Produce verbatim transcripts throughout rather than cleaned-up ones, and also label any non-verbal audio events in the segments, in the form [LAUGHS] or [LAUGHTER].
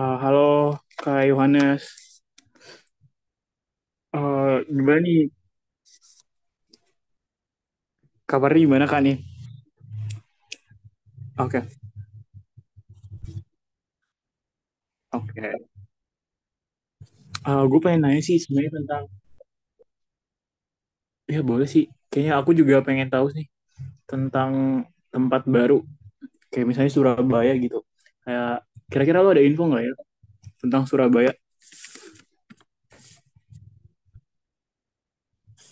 Eh, halo Kak Yohanes. Eh, gimana nih kabarnya gimana Kak nih? Oke, oke. Eh, gue pengen nanya sih sebenarnya tentang, ya boleh sih. Kayaknya aku juga pengen tahu sih tentang tempat baru, kayak misalnya Surabaya gitu. Kayak kira-kira lo ada info nggak ya tentang Surabaya?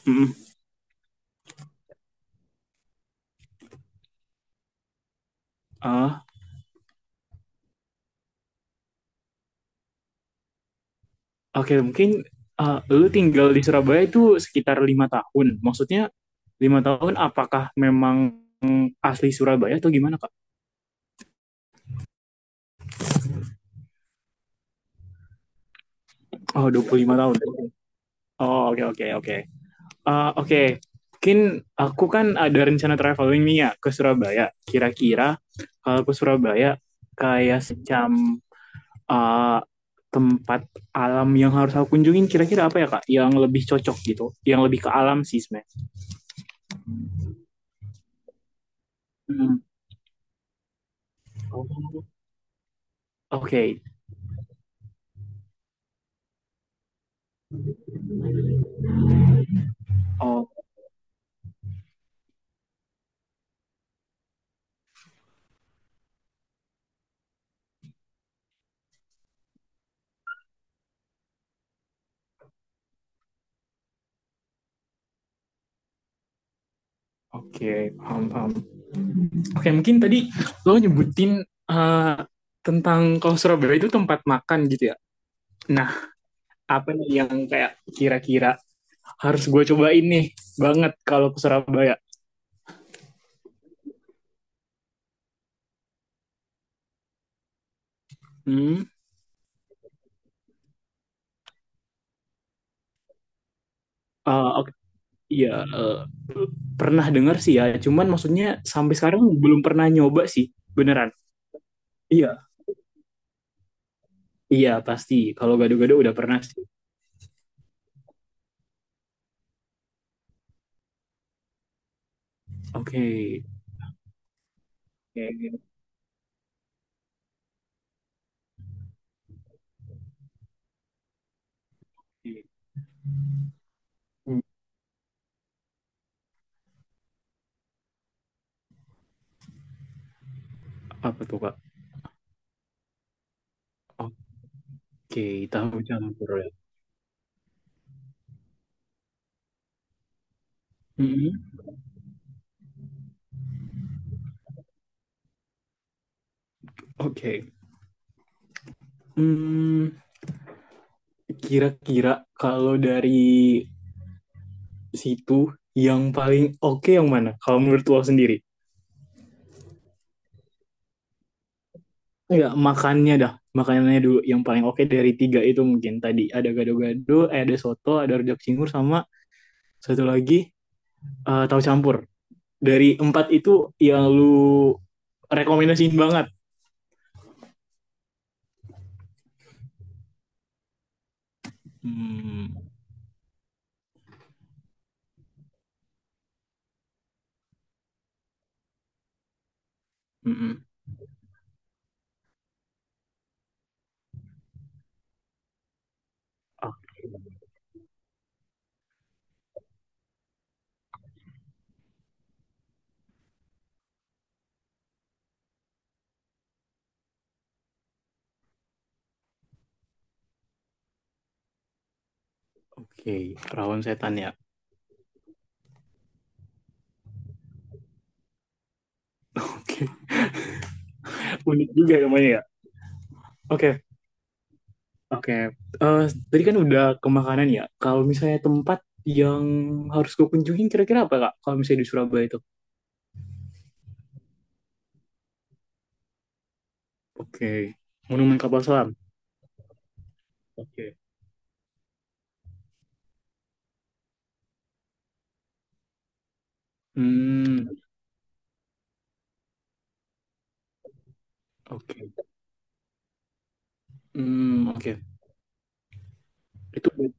Mm-mm. Ah, oke mungkin eh, lo tinggal di Surabaya itu sekitar lima tahun. Maksudnya lima tahun apakah memang asli Surabaya atau gimana Kak? Oh, dua puluh lima tahun. Oh, oke, oke, oke. Ah, Oke, okay. Mungkin aku kan ada rencana traveling nih ya ke Surabaya. Kira-kira kalau ke Surabaya kayak semacam ah, tempat alam yang harus aku kunjungin kira-kira apa ya Kak? Yang lebih cocok gitu, yang lebih ke alam sih sebenarnya. Hmm. Oke, oh, oke, paham, paham. Oke, mungkin tadi lo nyebutin eh, tentang kalau Surabaya itu tempat makan gitu ya. Nah, apa yang kayak kira-kira harus gue cobain nih banget kalau ke Surabaya. Hmm. Uh, oke, iya, eh, pernah dengar sih ya. Cuman maksudnya sampai sekarang belum pernah nyoba sih, beneran. Iya, iya pasti. Kalau gado-gado udah pernah sih. Oke. Oke, hmm, apa tuh, Kak? Oke, tahu campur ya. Mm-mm. Oke. Hmm, kira-kira kalau dari situ yang paling oke yang mana? Kalau menurut lo sendiri? Enggak, makannya dah. Makanannya dulu yang paling oke dari tiga itu mungkin tadi ada gado-gado, eh, ada soto, ada rujak cingur sama satu lagi eh, tahu campur. Dari empat itu yang lu rekomendasiin banget. Hmm. Mm-mm. Ah, Oke, Rawon Setan ya. Oke, [LAUGHS] unik juga namanya ya. Oke, oke. Eh, tadi kan udah ke makanan ya. Kalau misalnya tempat yang harus gue kunjungin kira-kira apa, Kak? Kalau misalnya di Surabaya itu. Oke. Monumen Kapal Selam. Oke. Hmm, oke. Hmm, oke. Itu ber-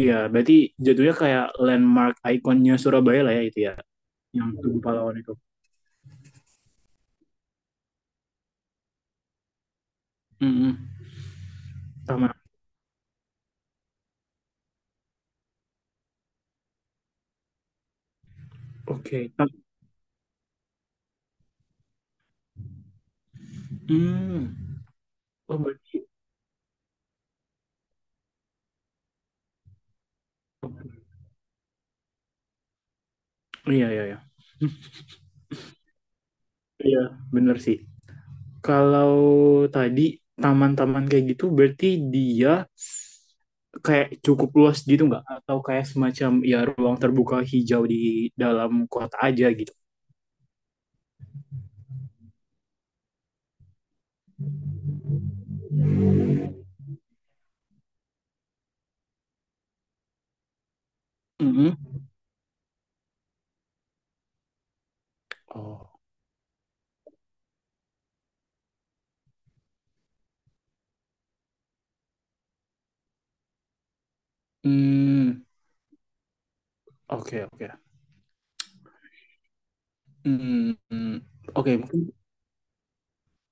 iya, berarti jatuhnya kayak landmark ikonnya Surabaya lah ya itu ya, yang Tugu Pahlawan itu. Hmm, sama. Oke. Ta- Hmm. Oh, berarti. Iya, iya, iya. Iya, bener sih. Kalau tadi taman-taman kayak gitu berarti dia kayak cukup luas gitu nggak? Atau kayak semacam ya ruang terbuka hijau di dalam kota aja gitu? Mm-mm. Oh. Hmm, oke oke. Mmm, oke mungkin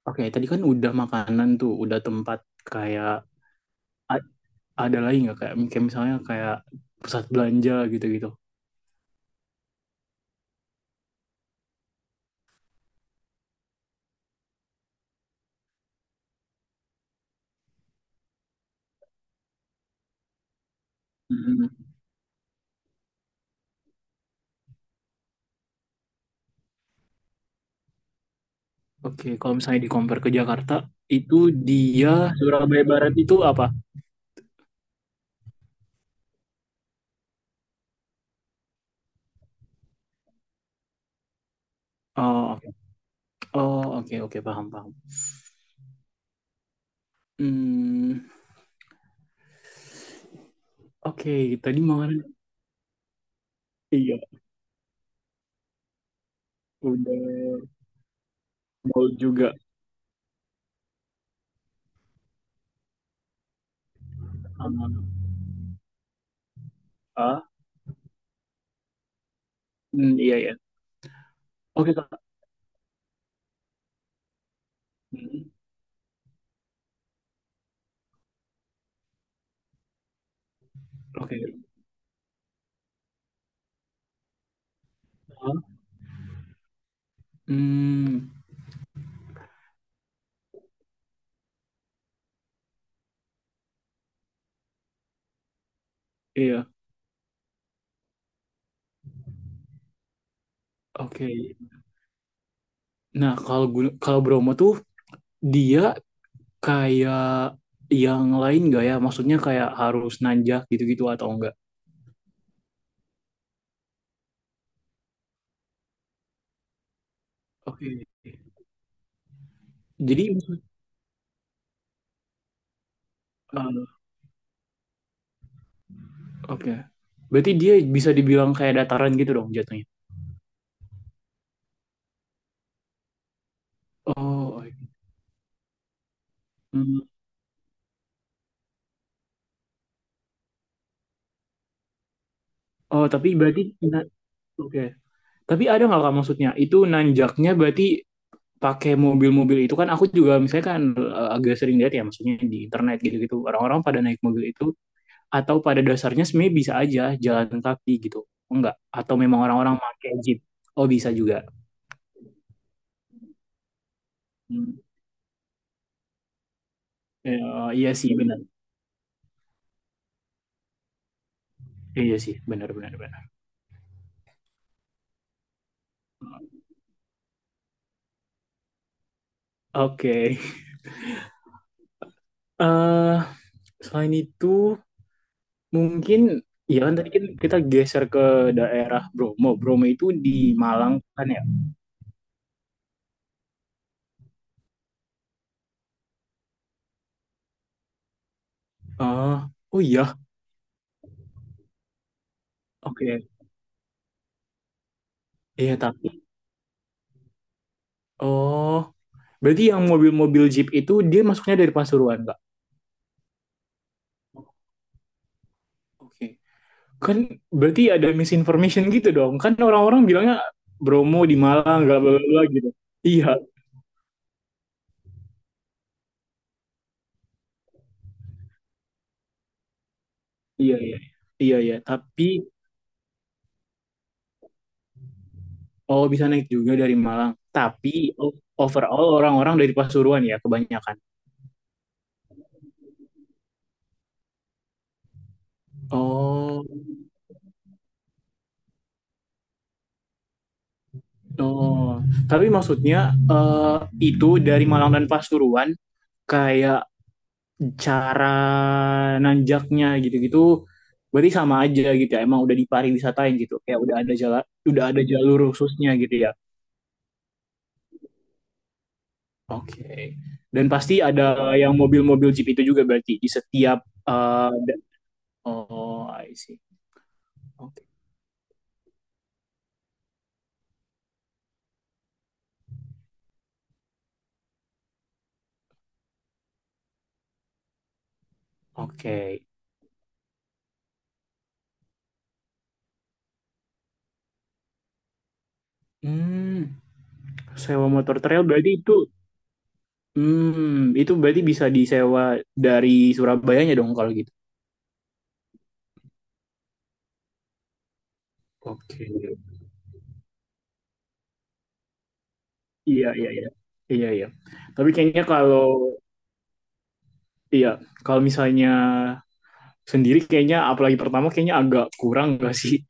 oke tadi kan udah makanan tuh, udah tempat kayak ad ada lagi nggak kayak kayak misalnya kayak pusat belanja gitu-gitu? Mhm, oke kalau misalnya di-compare ke Jakarta, itu dia Surabaya Barat itu apa? Oh oh oke oke paham paham. Mmm, oke tadi makanan iya udah mau juga sama heeh, mmm, iya iya. Oke Kak, mhm, oke, heeh, mmm, iya, oke. Nah, kalau Gun- kalau Bromo tuh dia kayak yang lain nggak ya? Maksudnya kayak harus nanjak gitu-gitu atau enggak? Oke. Jadi uh, oke. Berarti dia bisa dibilang kayak dataran gitu dong jatuhnya. Oh, oke. Hmm. Oh, tapi berarti na- oke. Tapi ada nggak Kak maksudnya? Itu nanjaknya berarti pakai mobil-mobil itu kan aku juga misalnya kan uh, agak sering lihat ya maksudnya di internet gitu-gitu orang-orang pada naik mobil itu atau pada dasarnya sebenarnya bisa aja jalan kaki gitu enggak atau memang orang-orang pakai jeep oh bisa juga hmm. Eh, iya sih benar iya sih benar benar benar oke eh selain itu mungkin ya kan tadi kan kita geser ke daerah Bromo Bromo itu di Malang kan ya oh oh iya oke iya tapi oh berarti yang mobil-mobil jeep itu dia masuknya dari Pasuruan enggak oke. Kan berarti ada misinformation gitu dong. Kan orang-orang bilangnya Bromo di Malang, bla bla bla gitu. Iya, iya, iya. Iya, iya. Tapi, oh bisa naik juga dari Malang. Tapi o- overall orang-orang dari Pasuruan ya kebanyakan. Oh, oh. Tapi maksudnya eh, itu dari Malang dan Pasuruan kayak cara nanjaknya gitu-gitu berarti sama aja gitu ya. Emang udah dipariwisatain gitu. Kayak udah ada jalan, udah ada jalur khususnya gitu ya. Oke. Dan pasti ada yang mobil-mobil Jeep itu juga berarti di setiap uh, da- oh, I see. Oke. Oke. Hmm, sewa motor trail berarti itu hmm, itu berarti bisa disewa dari Surabayanya dong kalau gitu. Oke. Iya, iya, iya. Iya, iya. Tapi kayaknya kalau iya, kalau misalnya sendiri kayaknya apalagi pertama kayaknya agak kurang gak sih?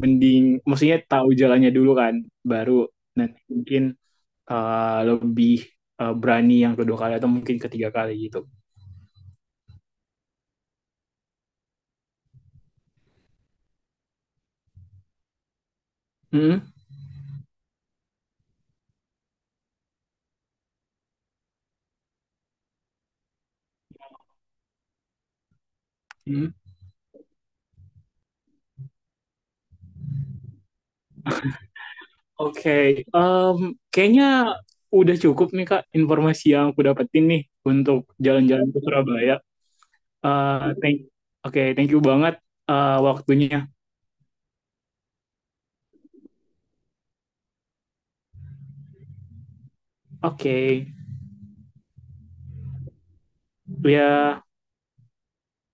Mending maksudnya tahu jalannya dulu kan, baru nanti mungkin eh, lebih eh, berani yang kedua kali atau mungkin ketiga kali gitu. Hmm? Hmm? Oke, Em, kayaknya udah cukup nih Kak informasi yang aku dapetin nih untuk jalan-jalan ke Surabaya. Eh, thank, Oke, okay, thank you banget eh, waktunya. Oke, okay. Ya.